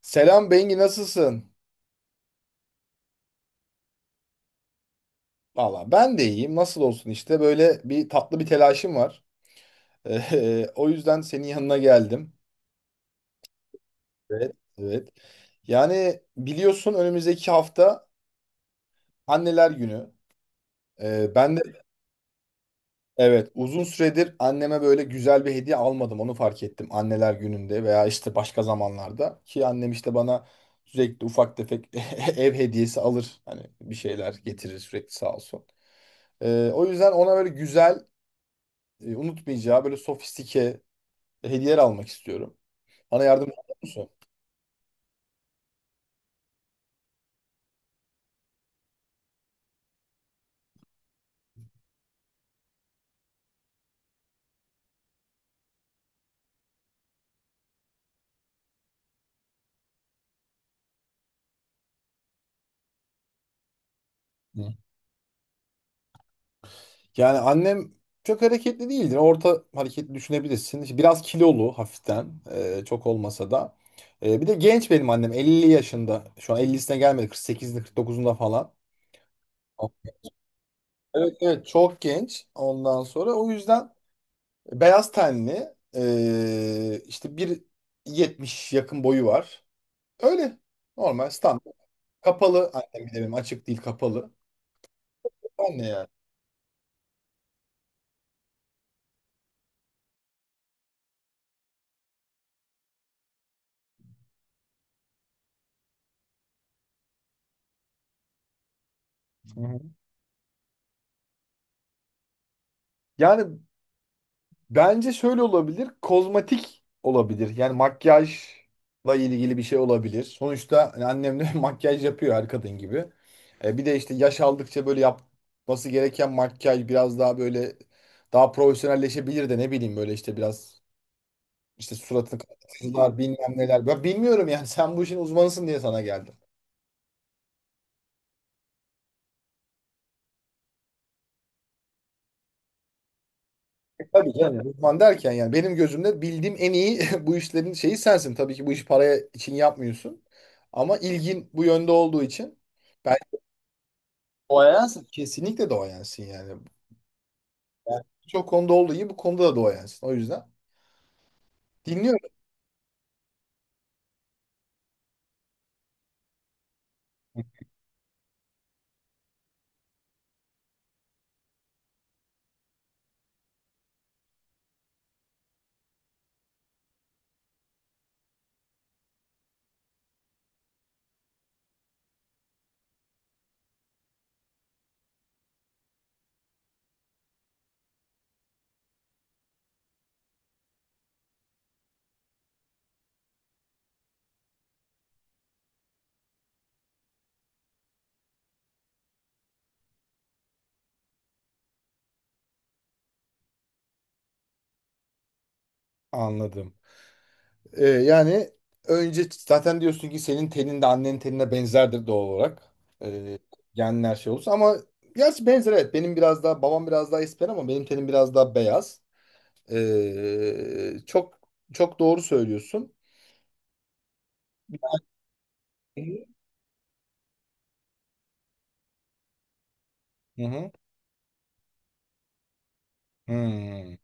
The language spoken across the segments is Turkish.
Selam Bengi, nasılsın? Valla ben de iyiyim. Nasıl olsun işte, böyle bir tatlı bir telaşım var. O yüzden senin yanına geldim. Evet. Evet. Yani biliyorsun, önümüzdeki hafta Anneler Günü. Ben de evet, uzun süredir anneme böyle güzel bir hediye almadım. Onu fark ettim Anneler Günü'nde veya işte başka zamanlarda. Ki annem işte bana sürekli ufak tefek ev hediyesi alır. Hani bir şeyler getirir sürekli, sağ olsun. O yüzden ona böyle güzel, unutmayacağı, böyle sofistike hediyeler almak istiyorum. Bana yardımcı olur musun? Hı. Yani annem çok hareketli değildir. Orta hareketli düşünebilirsin. İşte biraz kilolu hafiften, çok olmasa da. Bir de genç benim annem, 50 yaşında. Şu an 50'sine gelmedi. Kırk sekizinde, kırk dokuzunda falan. Evet, evet, çok genç ondan sonra, o yüzden beyaz tenli, işte 1,70 yakın boyu var. Öyle normal, standart, kapalı annem, bir de benim açık değil, kapalı. Anne yani. Hı hı. Yani bence şöyle olabilir. Kozmetik olabilir. Yani makyajla ilgili bir şey olabilir. Sonuçta hani annem de makyaj yapıyor her kadın gibi. Bir de işte yaş aldıkça böyle yapması gereken makyaj biraz daha böyle daha profesyonelleşebilir de, ne bileyim, böyle işte biraz, işte suratını kapatıcılar, bilmem neler. Ben bilmiyorum yani, sen bu işin uzmanısın diye sana geldim. Tabii canım. Uzman derken yani benim gözümde bildiğim en iyi bu işlerin şeyi sensin. Tabii ki bu işi paraya için yapmıyorsun. Ama ilgin bu yönde olduğu için, ben, doğayansın. Kesinlikle doğayansın yani. Yani birçok konuda olduğu gibi bu konuda da doğayansın. O yüzden dinliyorum. Anladım. Yani önce zaten diyorsun ki senin tenin de annenin tenine benzerdir doğal olarak. Ee, genler şey olursa ama, gerçi benzer, evet. Benim biraz daha babam biraz daha esmer ama benim tenim biraz daha beyaz. Çok çok doğru söylüyorsun. Hı hı. Hmm.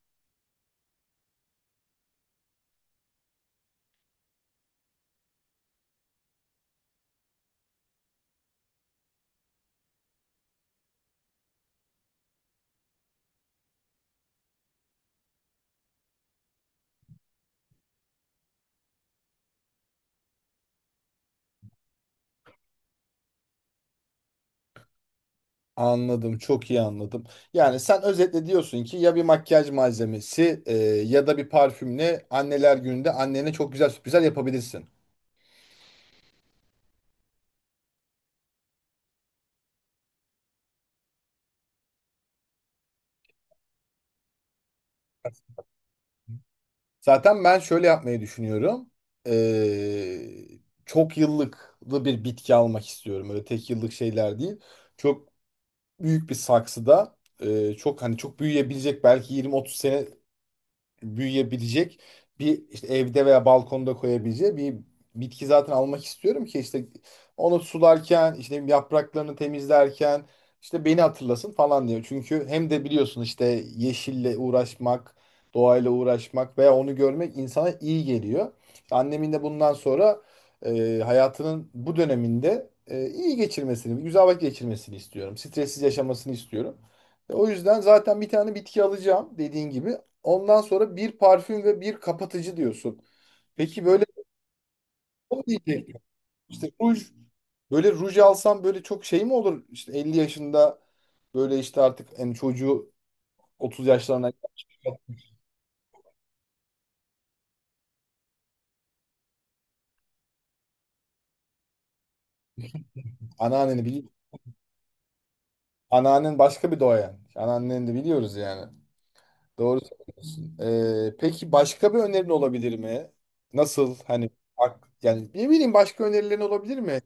Anladım, çok iyi anladım. Yani sen özetle diyorsun ki, ya bir makyaj malzemesi ya da bir parfümle anneler gününde annene çok güzel sürprizler yapabilirsin. Zaten ben şöyle yapmayı düşünüyorum. Ee, çok yıllıklı bir bitki almak istiyorum. Öyle tek yıllık şeyler değil. Çok büyük bir saksıda, çok, hani çok büyüyebilecek, belki 20-30 sene büyüyebilecek bir, işte evde veya balkonda koyabileceği bir bitki zaten almak istiyorum. Ki işte onu sularken, işte yapraklarını temizlerken, işte beni hatırlasın falan diyor. Çünkü hem de biliyorsun işte, yeşille uğraşmak, doğayla uğraşmak veya onu görmek insana iyi geliyor. İşte annemin de bundan sonra, hayatının bu döneminde, iyi geçirmesini, güzel vakit geçirmesini istiyorum. Stressiz yaşamasını istiyorum. O yüzden zaten bir tane bitki alacağım, dediğin gibi. Ondan sonra bir parfüm ve bir kapatıcı diyorsun. Peki böyle, o diyecek. İşte ruj, böyle ruj alsam böyle çok şey mi olur? İşte 50 yaşında, böyle işte artık en çocuğu 30 yaşlarına, anneanneni biliyor. Anneannen başka bir doğayan. Anneanneni de biliyoruz yani. Doğru söylüyorsun. Peki başka bir önerin olabilir mi? Nasıl, hani yani, ne bileyim, başka önerilerin olabilir mi?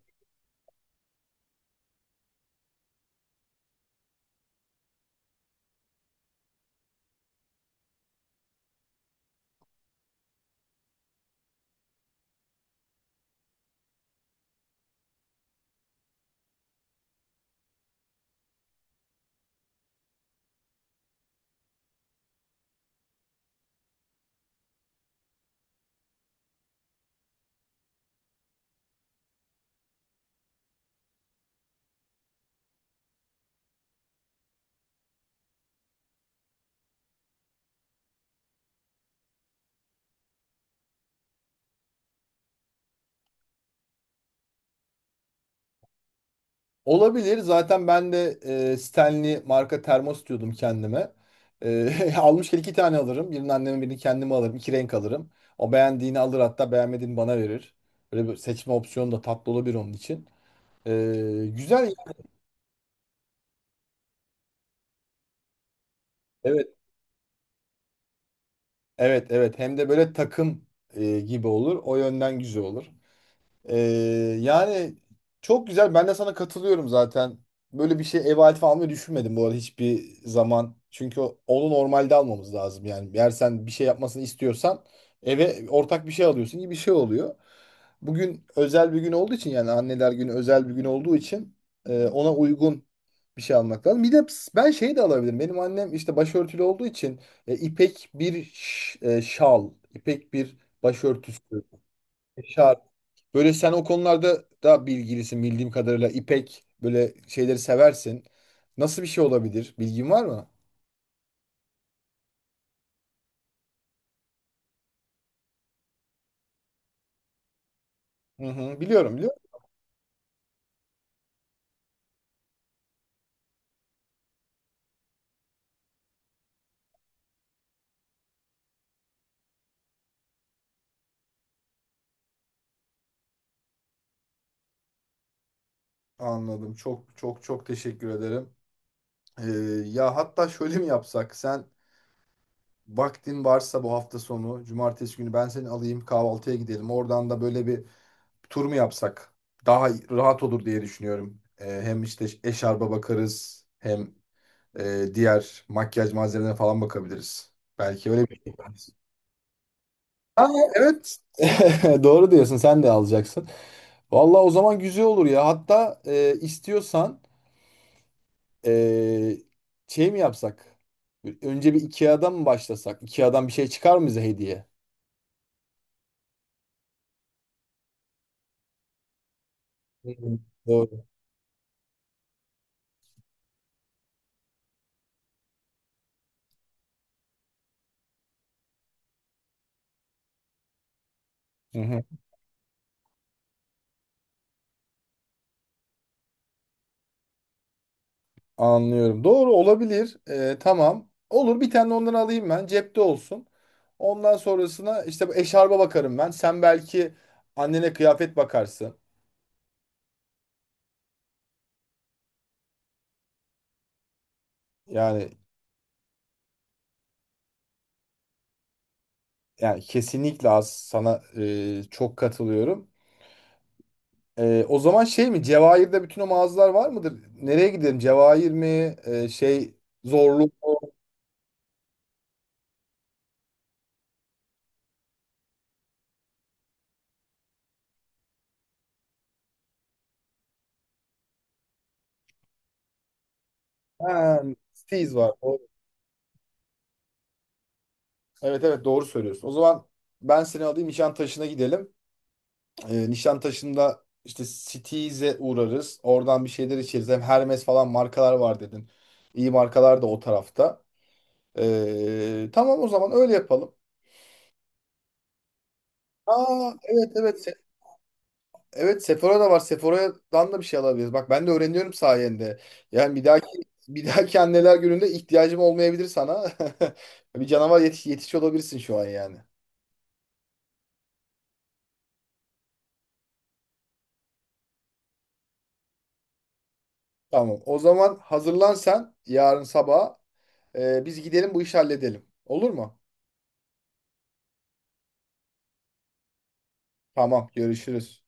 Olabilir. Zaten ben de Stanley marka termos diyordum kendime. Almışken iki tane alırım. Birini anneme, birini kendime alırım. İki renk alırım. O beğendiğini alır, hatta beğenmediğini bana verir. Böyle bir seçme opsiyonu da tatlı olabilir onun için. E, güzel. Evet. Evet. Evet. Hem de böyle takım gibi olur. O yönden güzel olur. Ee, yani çok güzel. Ben de sana katılıyorum zaten. Böyle bir şey, ev aleti almayı düşünmedim bu arada hiçbir zaman. Çünkü onu normalde almamız lazım. Yani eğer sen bir şey yapmasını istiyorsan, eve ortak bir şey alıyorsun gibi bir şey oluyor. Bugün özel bir gün olduğu için, yani anneler günü özel bir gün olduğu için ona uygun bir şey almak lazım. Bir de ben şey de alabilirim. Benim annem işte başörtülü olduğu için ipek bir şal, ipek bir başörtüsü, şal. Böyle sen o konularda daha bilgilisin, bildiğim kadarıyla. İpek böyle şeyleri seversin. Nasıl bir şey olabilir? Bilgin var mı? Hı hı, biliyorum, biliyorum. Anladım. Çok çok çok teşekkür ederim. Ee, ya hatta şöyle mi yapsak? Sen vaktin varsa bu hafta sonu, cumartesi günü, ben seni alayım, kahvaltıya gidelim. Oradan da böyle bir tur mu yapsak? Daha rahat olur diye düşünüyorum. Hem işte eşarba bakarız, hem diğer makyaj malzemelerine falan bakabiliriz. Belki öyle bir şey. Aa, evet. Doğru diyorsun. Sen de alacaksın. Vallahi o zaman güzel olur ya. Hatta istiyorsan, e, şey mi yapsak? Önce bir IKEA'dan mı başlasak? IKEA'dan bir şey çıkar mı bize hediye? Hı hı. Doğru. Hı hı. Anlıyorum. Doğru olabilir. Tamam. Olur, bir tane ondan alayım ben. Cepte olsun. Ondan sonrasına işte bu eşarba bakarım ben. Sen belki annene kıyafet bakarsın. Yani yani kesinlikle, az, sana çok katılıyorum. O zaman şey mi? Cevahir'de bütün o mağazalar var mıdır? Nereye gidelim? Cevahir mi? Zorlu mu? Ha, Steez var. Doğru. Evet, evet, doğru söylüyorsun. O zaman ben seni alayım, Nişantaşı'na gidelim. Nişantaşı'nda işte Steez'e uğrarız. Oradan bir şeyler içeriz. Hem Hermes falan markalar var dedin. İyi markalar da o tarafta. Tamam, o zaman öyle yapalım. Aa, evet, evet. Sephora da var. Sephora'dan da bir şey alabiliriz. Bak, ben de öğreniyorum sayende. Yani bir dahaki bir dahaki anneler gününde ihtiyacım olmayabilir sana. Bir canavar yetiş, yetiş olabilirsin şu an yani. Tamam. O zaman hazırlan sen yarın sabah. Biz gidelim, bu işi halledelim. Olur mu? Tamam. Görüşürüz.